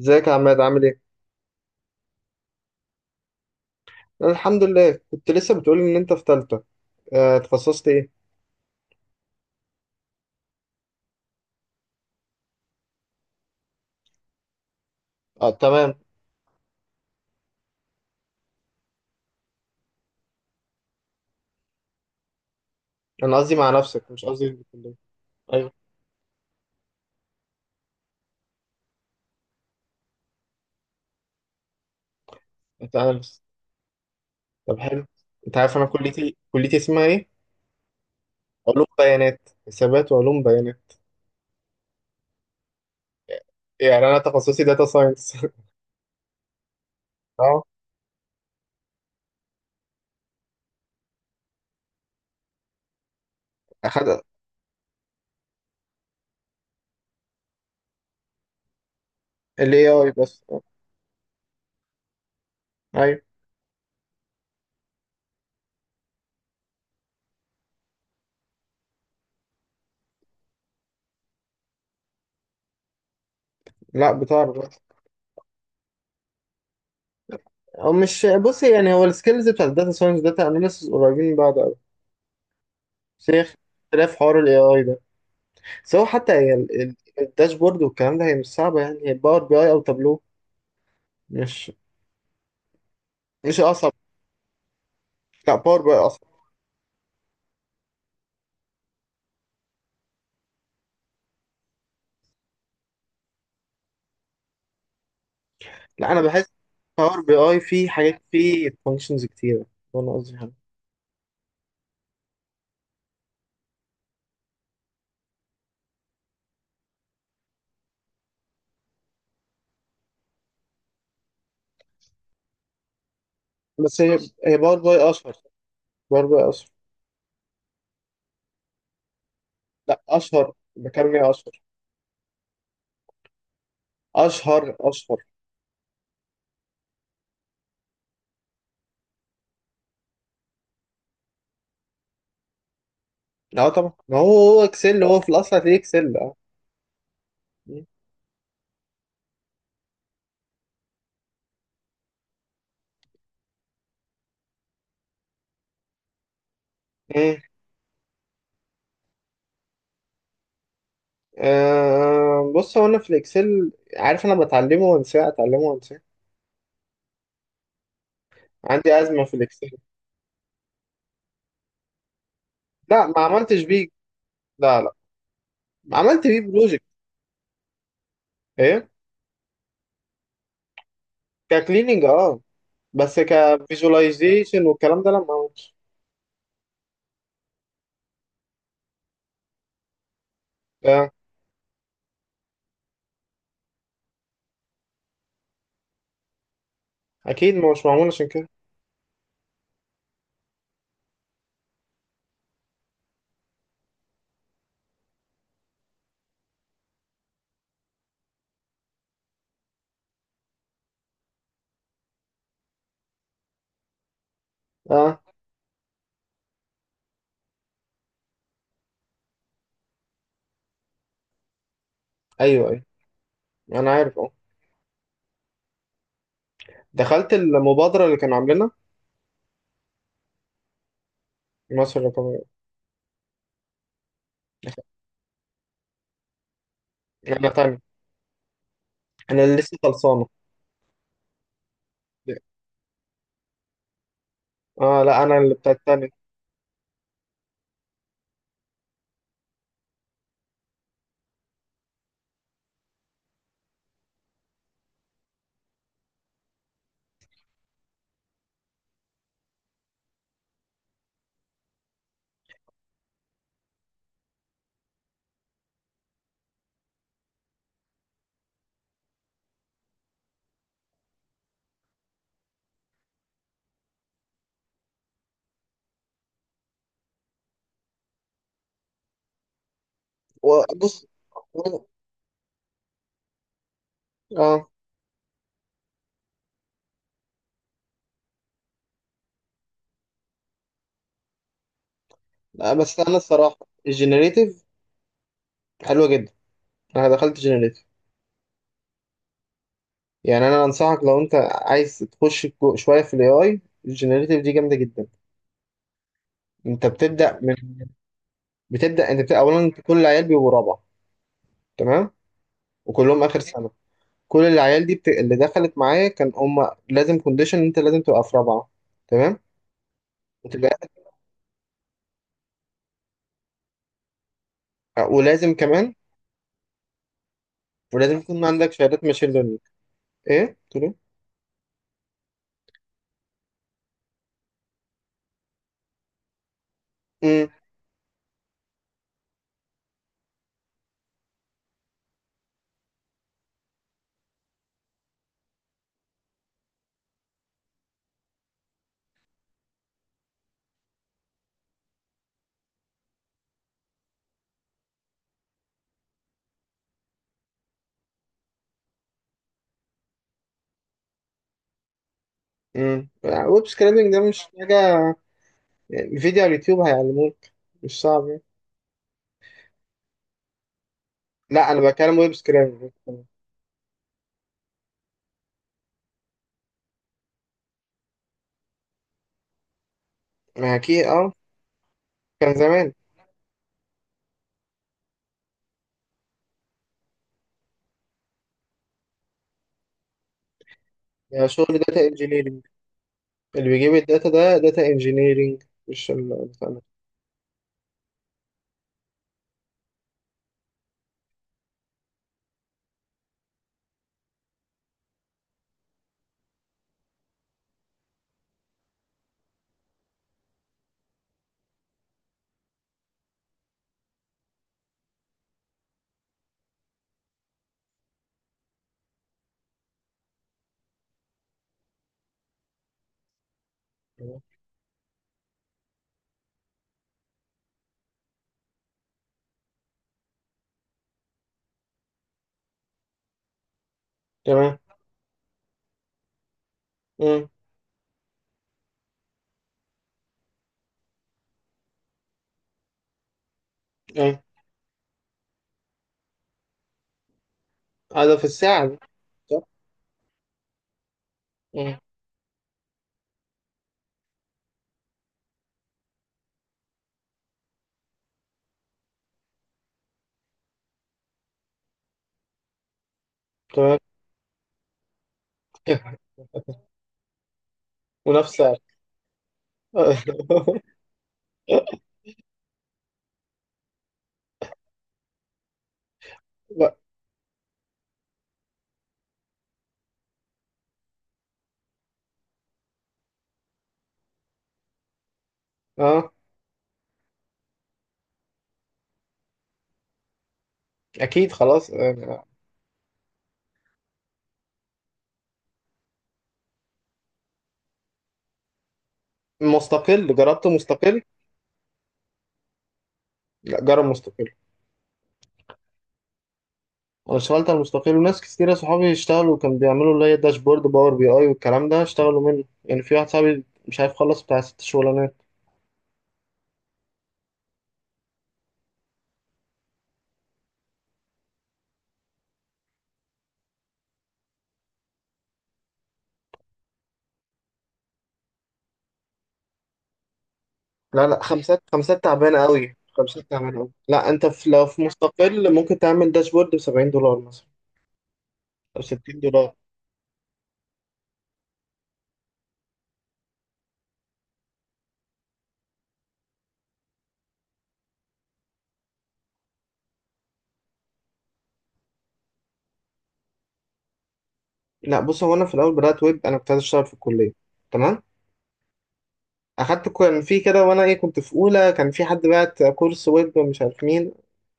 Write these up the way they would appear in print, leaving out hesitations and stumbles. ازيك يا عماد، عامل ايه؟ أنا الحمد لله. كنت لسه بتقولي ان انت في تالتة. آه، اتخصصت ايه؟ اه، تمام. انا قصدي مع نفسك، مش قصدي في الكلية. ايوه. انت اناليست. طب حلو. انت عارف انا كليتي اسمها ايه؟ علوم بيانات، حسابات وعلوم بيانات. يعني انا تخصصي داتا ساينس. اه، اخد ال AI بس ايوه. لا، بتعرف. او مش، بص يعني هو السكيلز بتاع الداتا ساينس داتا اناليسيس قريبين من بعض قوي. بس هي اختلاف حوار ال AI ده، سواء حتى هي الداشبورد والكلام ده، هي مش صعبة. يعني هي باور بي اي او تابلو، مش مش اصعب. لا، باور بي اي اصعب. لا، انا بحس باور بي اي فيه حاجات، فيه فانكشنز كتيرة. ده انا قصدي يعني. بس هي هي باور بي اي اشهر. باور بي اي اشهر. لا، اشهر. بكلم ايه؟ اشهر اشهر اشهر. لا طبعا، ما هو اكسل، هو في الاصل هتلاقيه اكسل. اه. مم. آه، بص هو انا في الاكسل عارف، انا بتعلمه وانساه، اتعلمه وانساه. عندي ازمة في الاكسل. لا، ما عملتش بيه. لا، لا. عملت بيه بروجكت. ايه؟ ككليننج اه. بس كفيجواليزيشن والكلام ده لا، ما عملتش. آه. اكيد مش معمول عشان كده. اه. ايوه، ايوه. انا عارف اه. دخلت المبادره اللي كانوا عاملينها. مصر الرقميه. دخلت. انا تاني. انا اللي لسه خلصانه. اه، لا انا اللي بتاع التاني. وبص. اه. لا، بس انا الصراحه الجنريتيف حلوه جدا. انا دخلت جنريتيف. يعني انا انصحك، لو انت عايز تخش شويه في الاي اي، الجنريتيف دي جامده جدا. انت بتبدا. انت بتبقى اولا، كل العيال بيبقوا رابعه. تمام. وكلهم اخر سنه. كل العيال دي اللي دخلت معايا كان هم لازم كونديشن، انت لازم تبقى في رابعه. تمام. وتبقى، ولازم كمان، ولازم يكون عندك شهادات ماشين ليرنينج. ايه تقول ايه؟ امم امم ويب سكريبنج ده مش حاجه، يعني فيديو على اليوتيوب هيعلموك. مش صعب يعني. لا، انا بتكلم ويب سكريبنج. ما اكيد اه، كان زمان. يعني شغل داتا انجينيرنج، اللي بيجيب الداتا ده داتا انجينيرنج، مش ال... تمام. إمم. اه، هذا في الساعة دي، صح؟ مم. تمام. منافسة. لا. اه، اكيد. خلاص آه، مستقل. جربت مستقل. لا، جرب مستقل. انا اشتغلت على مستقل، وناس كتيرة صحابي اشتغلوا، كان بيعملوا اللي هي داشبورد باور بي اي والكلام ده، اشتغلوا منه يعني. في واحد صاحبي مش عارف، خلص بتاع ست شغلانات. لا، لا، خمسات. خمسات تعبانة قوي. خمسات تعبانة قوي. لا، انت في، لو في مستقل، ممكن تعمل داشبورد ب $70 مثلا، او $60. لا بص، هو انا في الاول بدات ويب. انا كنت عايز اشتغل في الكليه. تمام. اخدت كان في كده، وانا ايه، كنت في اولى، كان في حد بعت كورس ويب مش عارف مين.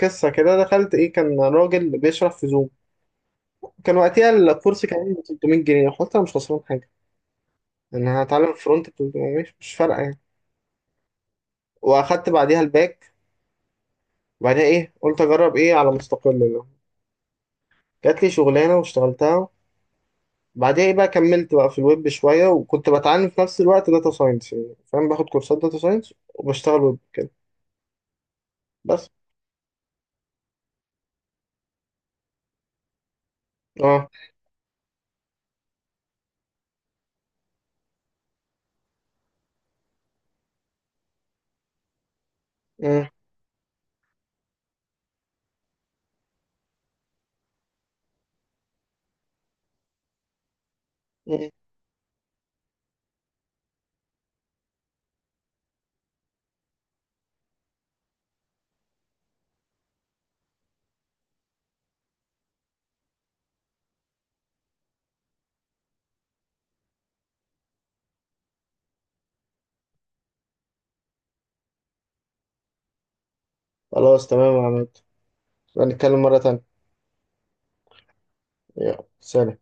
قصه كده، دخلت. ايه، كان راجل بيشرح في زوم. كان وقتها الكورس كان ب 300 جنيه، قلت انا مش خسران حاجه. انا هتعلم فرونت ب 300، مش فارقه يعني. واخدت بعديها الباك. وبعدها ايه، قلت اجرب ايه على مستقل بقى. جات لي شغلانه واشتغلتها. بعدها ايه بقى، كملت بقى في الويب شويه، وكنت بتعلم في نفس الوقت داتا ساينس، يعني فاهم باخد كورسات داتا ساينس وبشتغل ويب بس. اه. مم. مم. خلاص تمام يا عماد، نتكلم مرة تانية. يلا، سلام.